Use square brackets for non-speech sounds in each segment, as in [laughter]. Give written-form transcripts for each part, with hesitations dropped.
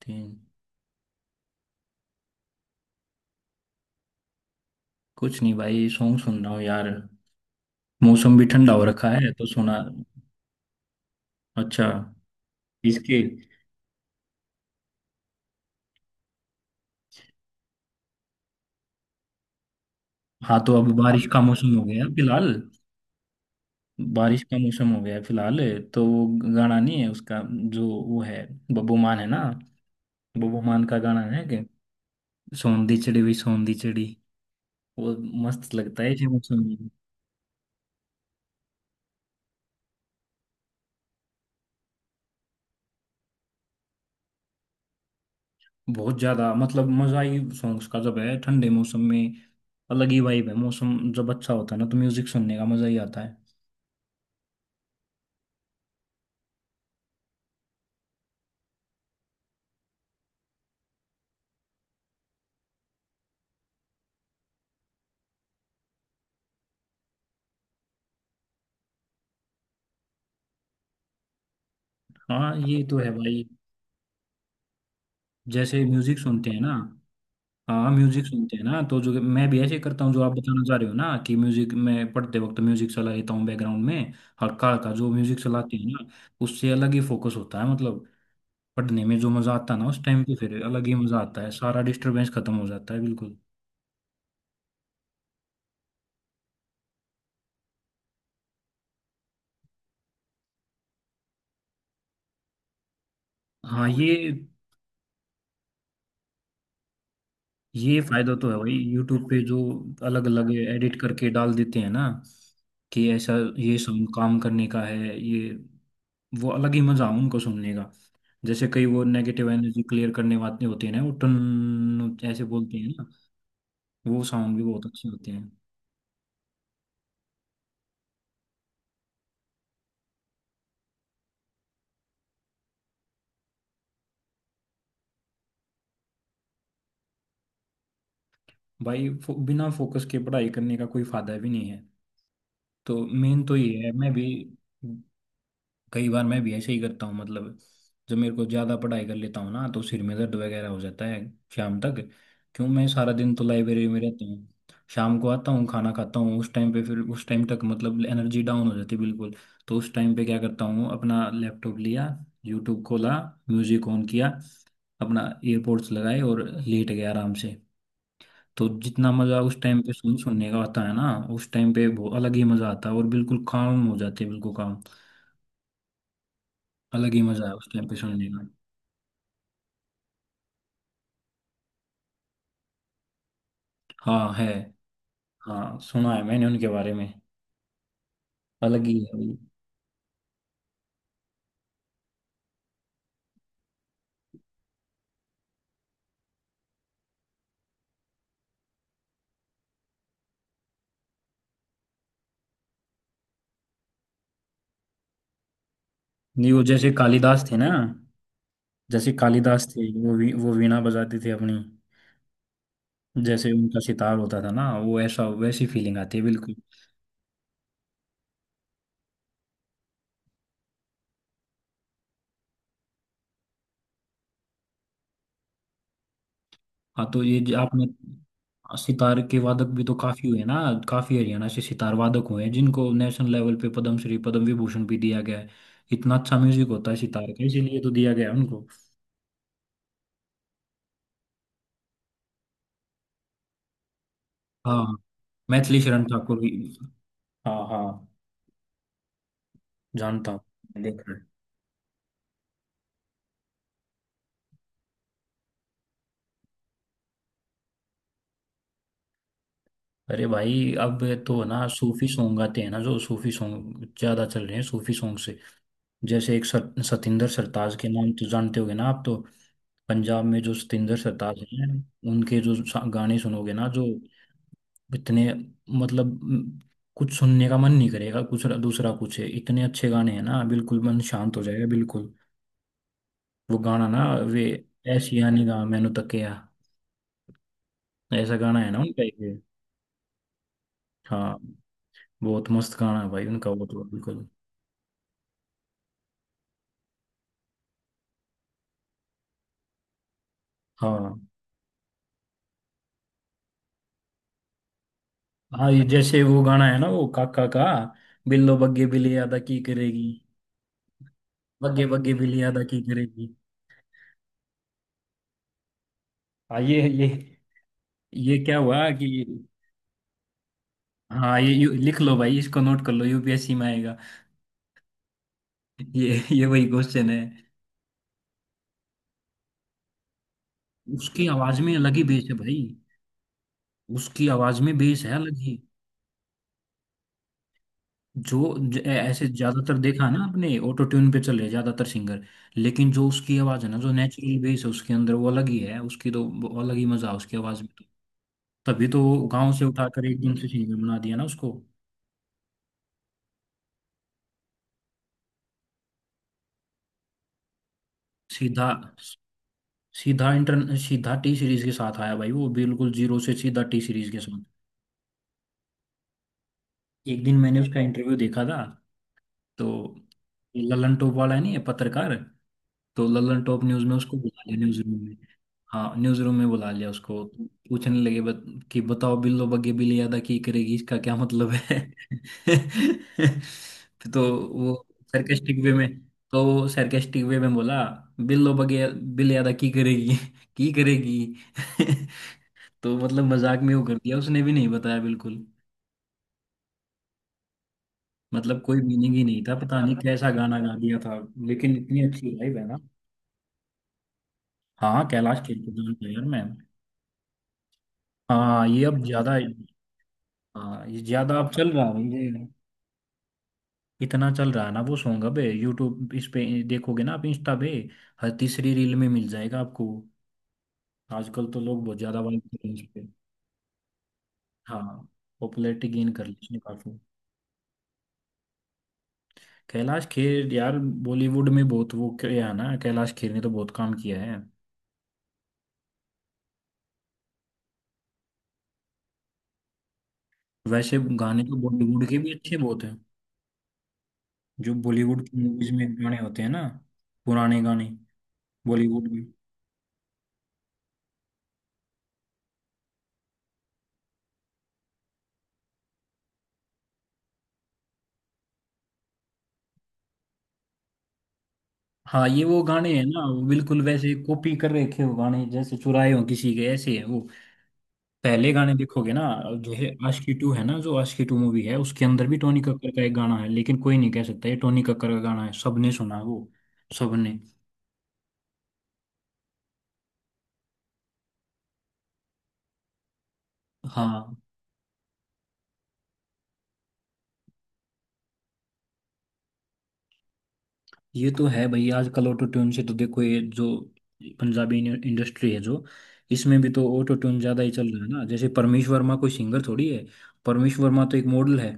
तीन। कुछ नहीं भाई, सॉन्ग सुन रहा हूँ यार। मौसम भी ठंडा हो रखा है तो सुना। अच्छा। इसके। हाँ, तो अब बारिश का मौसम हो गया है फिलहाल। बारिश का मौसम हो गया है फिलहाल। तो वो गाना नहीं है उसका? जो वो है, बब्बू मान है ना, बब्बू मान का गाना है कि सौंधी चिड़ी हुई सौंधी चिड़ी, वो मस्त लगता है ये मौसम में। बहुत ज्यादा मतलब मजा ही सॉन्ग्स का जब है ठंडे मौसम में। अलग ही वाइब है, मौसम जब अच्छा होता है ना तो म्यूजिक सुनने का मजा ही आता है। हाँ, ये तो है भाई। जैसे म्यूजिक सुनते हैं ना, हाँ म्यूजिक सुनते हैं ना तो जो मैं भी ऐसे करता हूँ, जो आप बताना चाह रहे हो ना, कि म्यूजिक, मैं पढ़ते वक्त म्यूजिक चला लेता हूँ बैकग्राउंड में। हल्का हल्का जो म्यूजिक चलाते हैं ना, उससे अलग ही फोकस होता है मतलब। पढ़ने में जो मजा आता है ना उस टाइम पे, फिर अलग ही मजा आता है, सारा डिस्टरबेंस खत्म हो जाता है बिल्कुल। हाँ ये फायदा तो है भाई यूट्यूब पे, जो अलग अलग एडिट करके डाल देते हैं ना कि ऐसा ये सॉन्ग काम करने का है, ये वो अलग ही मजा उनको सुनने का। जैसे कई वो नेगेटिव एनर्जी क्लियर करने वाले होते हैं ना, वो टन ऐसे बोलते हैं ना, वो साउंड भी बहुत अच्छे होते हैं। बिना फोकस के पढ़ाई करने का कोई फायदा भी नहीं है। तो मेन तो ये है, मैं भी कई बार मैं भी ऐसे ही करता हूँ मतलब। जब मेरे को ज़्यादा पढ़ाई कर लेता हूँ ना, तो सिर में दर्द वगैरह हो जाता है शाम तक। क्यों, मैं सारा दिन तो लाइब्रेरी में रहता हूँ, शाम को आता हूँ, खाना खाता हूँ, उस टाइम पे फिर उस टाइम तक मतलब एनर्जी डाउन हो जाती है बिल्कुल। तो उस टाइम पे क्या करता हूँ, अपना लैपटॉप लिया, यूट्यूब खोला, म्यूजिक ऑन किया, अपना एयरपोर्ट्स लगाए और लेट गया आराम से। तो जितना मज़ा उस टाइम पे सुनने का आता है ना, उस टाइम पे वो अलग ही मज़ा आता है और बिल्कुल काम हो जाते हैं बिल्कुल काम। अलग ही मजा है उस टाइम पे सुनने का। हाँ, है। हाँ, सुना है मैंने उनके बारे में। अलग ही है वो। नहीं, वो जैसे कालिदास थे ना, जैसे कालिदास थे, वो वीणा बजाते थे अपनी, जैसे उनका सितार होता था ना वो, ऐसा वैसी फीलिंग आती है बिल्कुल। हाँ, तो ये जो आपने सितार के वादक भी तो काफी हुए ना। काफी हरियाणा से सितार वादक हुए हैं, जिनको नेशनल लेवल पे पद्मश्री पद्म विभूषण भी दिया गया है। इतना अच्छा म्यूजिक होता है सितार का, इसीलिए तो दिया गया है उनको। हाँ, मैथिली शरण ठाकुर भी। हाँ हाँ, जानता हूँ, देखा है। अरे भाई, अब तो ना सूफी सॉन्ग आते हैं ना, जो सूफी सॉन्ग ज्यादा चल रहे हैं सूफी सॉन्ग से। जैसे सतिंदर सरताज के नाम तो जानते होगे ना आप तो। पंजाब में जो सतिंदर सरताज हैं, उनके जो सा- गाने सुनोगे ना, जो इतने, मतलब म, कुछ सुनने का मन नहीं करेगा, कुछ दूसरा कुछ है। इतने अच्छे गाने हैं ना, बिल्कुल मन शांत हो जाएगा बिल्कुल। वो गाना ना, वे ऐसी यानी गा मैनू तकिया, ऐसा गाना है ना उनका एक ये। हाँ, बहुत मस्त गाना है भाई उनका वो तो बिल्कुल। हाँ हाँ, ये जैसे वो गाना है ना वो काका का, बिल्लो बग्गे बिल्ली अदा की करेगी, बग्गे बग्गे बिल्ली अदा की करेगी। हाँ, ये क्या हुआ कि। हाँ, लिख लो भाई इसको, नोट कर लो, यूपीएससी में आएगा। ये वही क्वेश्चन है। उसकी आवाज में अलग ही बेस है भाई। उसकी आवाज में बेस है अलग ही। ऐसे ज्यादातर देखा है ना आपने, ऑटो ट्यून पे चले ज्यादातर सिंगर। लेकिन जो उसकी आवाज है ना, जो नेचुरल बेस है उसके अंदर, वो अलग ही है उसकी, तो वो अलग ही मजा है उसकी आवाज में तो। तभी तो वो गांव से उठाकर एकदम से सिंगर बना दिया ना उसको। सीधा सीधा इंटर सीधा टी सीरीज के साथ आया भाई वो, बिल्कुल जीरो से सीधा टी सीरीज के साथ। एक दिन मैंने उसका इंटरव्यू देखा था। तो ललन टॉप वाला है नहीं ये पत्रकार, तो ललन टॉप न्यूज में उसको बुला लिया न्यूज रूम में। हाँ, न्यूज रूम में बुला लिया उसको। पूछने लगे बत, कि बताओ बिल्लो बग्गे बिल्ली अदा की करेगी, इसका क्या मतलब है? [laughs] तो वो सरकेस्टिक वे में, तो वो सरकेस्टिक वे में बोला, बिल्लो बग्गे बिल्ली अदा की करेगी [laughs] की करेगी। [laughs] तो मतलब मजाक में वो कर दिया उसने, भी नहीं बताया बिल्कुल। मतलब कोई मीनिंग ही नहीं था, पता नहीं कैसा गाना गा दिया था। लेकिन इतनी अच्छी लाइव है ना। हाँ, कैलाश खेर के गाने का यार मैं। हाँ, ये अब ज्यादा, हाँ ये ज्यादा अब चल रहा है ये। इतना चल रहा है ना वो सॉन्ग, अब यूट्यूब इस पे देखोगे ना आप, इंस्टा पे हर तीसरी रील में मिल जाएगा आपको। आजकल तो लोग बहुत ज्यादा वाइब कर रहे हैं इस पे। हाँ, पॉपुलैरिटी गेन कर ली इसने काफी। कैलाश खेर यार, बॉलीवुड में बहुत वो किया है ना कैलाश खेर ने तो, बहुत काम किया है। वैसे गाने तो बॉलीवुड के भी अच्छे बहुत हैं, जो बॉलीवुड की मूवीज में गाने होते हैं ना, पुराने गाने, बॉलीवुड में। हाँ, ये वो गाने हैं ना वो, बिल्कुल वैसे कॉपी कर रखे हो गाने, जैसे चुराए हो किसी के, ऐसे है वो। पहले गाने देखोगे ना, जो है आशिकी टू है ना, जो आशिकी टू मूवी है उसके अंदर भी टोनी कक्कर का एक गाना है, लेकिन कोई नहीं कह सकता ये टोनी कक्कर का गाना है। सबने सुना है वो, सबने। हाँ ये तो है भाई, आजकल ऑटो ट्यून से तो देखो, ये जो पंजाबी इंडस्ट्री है जो, इसमें भी तो ऑटो ट्यून ज्यादा ही चल रहा है ना। जैसे परमेश वर्मा, कोई सिंगर थोड़ी है, परमेश वर्मा तो एक मॉडल है।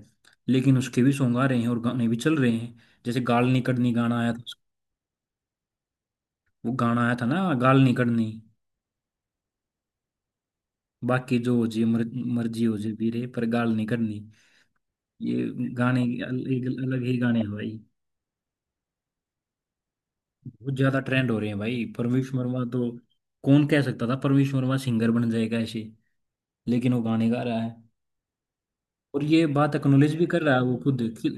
लेकिन उसके भी सॉन्ग आ रहे हैं और गाने भी चल रहे हैं। जैसे गाल निकड़नी गाना आया था, वो गाना आया था ना गाल निकड़नी, बाकी जो हो जी मर्जी हो जी वीरे पर गाल नहीं करनी। ये गाने, एक अलग ही गाने हैं भाई। बहुत ज्यादा ट्रेंड हो रहे हैं भाई परवेश वर्मा तो। कौन कह सकता था परवेश वर्मा सिंगर बन जाएगा ऐसे, लेकिन वो गाने गा रहा है। और ये बात एक्नोलेज भी कर रहा है वो खुद कि,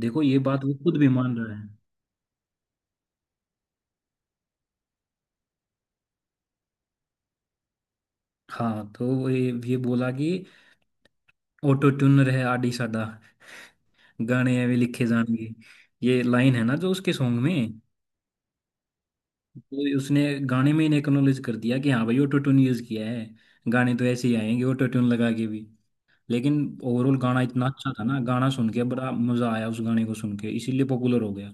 देखो ये बात वो खुद भी मान रहा है। हाँ, तो वो ये बोला कि ऑटो ट्यूनर है आडी साडा, गाने ऐवे लिखे जाएंगे। ये लाइन है ना जो उसके सॉन्ग में। तो उसने गाने में ही एक्नॉलेज कर दिया कि हाँ भाई ऑटो ट्यून यूज किया है, गाने तो ऐसे ही आएंगे ऑटो ट्यून लगा के भी। लेकिन ओवरऑल गाना इतना अच्छा था ना, गाना सुन के बड़ा मजा आया उस गाने को सुन के, इसीलिए पॉपुलर हो गया।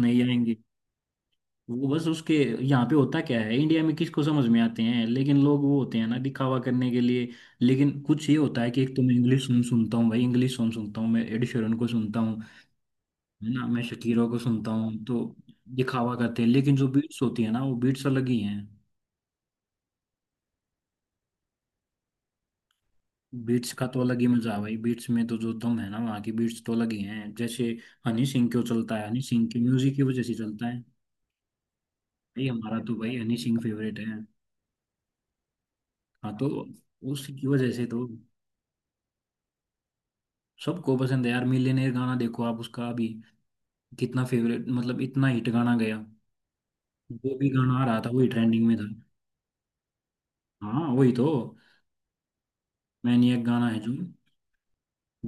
नहीं आएंगे, वो बस उसके, यहाँ पे होता क्या है इंडिया में, किसको समझ में आते हैं? लेकिन लोग वो होते हैं ना दिखावा करने के लिए। लेकिन कुछ ये होता है कि एक तो मैं इंग्लिश सॉन्ग सुनता हूँ भाई, इंग्लिश सॉन्ग सुनता हूँ, मैं एड शेरन को सुनता हूँ, है ना, मैं शकीरों को सुनता हूँ, तो दिखावा करते हैं, लेकिन जो बीट्स होती है ना, वो बीट्स अलग ही हैं। बीट्स का तो अलग ही मजा है भाई, बीट्स में तो जो दम है ना, वहाँ की बीट्स तो अलग ही हैं। जैसे हनी सिंह क्यों चलता है, हनी सिंह के म्यूजिक की वजह से चलता है। भाई हमारा तो भाई हनी सिंह फेवरेट है। हाँ तो उसकी वजह से तो, सबको पसंद है यार। मिलियनेयर गाना देखो आप उसका अभी, कितना फेवरेट मतलब, इतना हिट गाना गया। वो भी गाना आ रहा था, वही ट्रेंडिंग में था। हाँ वही तो, मैनिएक गाना है जो,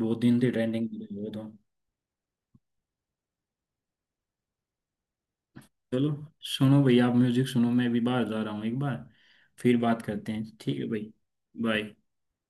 बहुत दिन से ट्रेंडिंग में था वो तो। चलो, सुनो भाई आप म्यूजिक सुनो, मैं अभी बाहर जा रहा हूँ एक बार, फिर बात करते हैं, ठीक है भाई। बाय।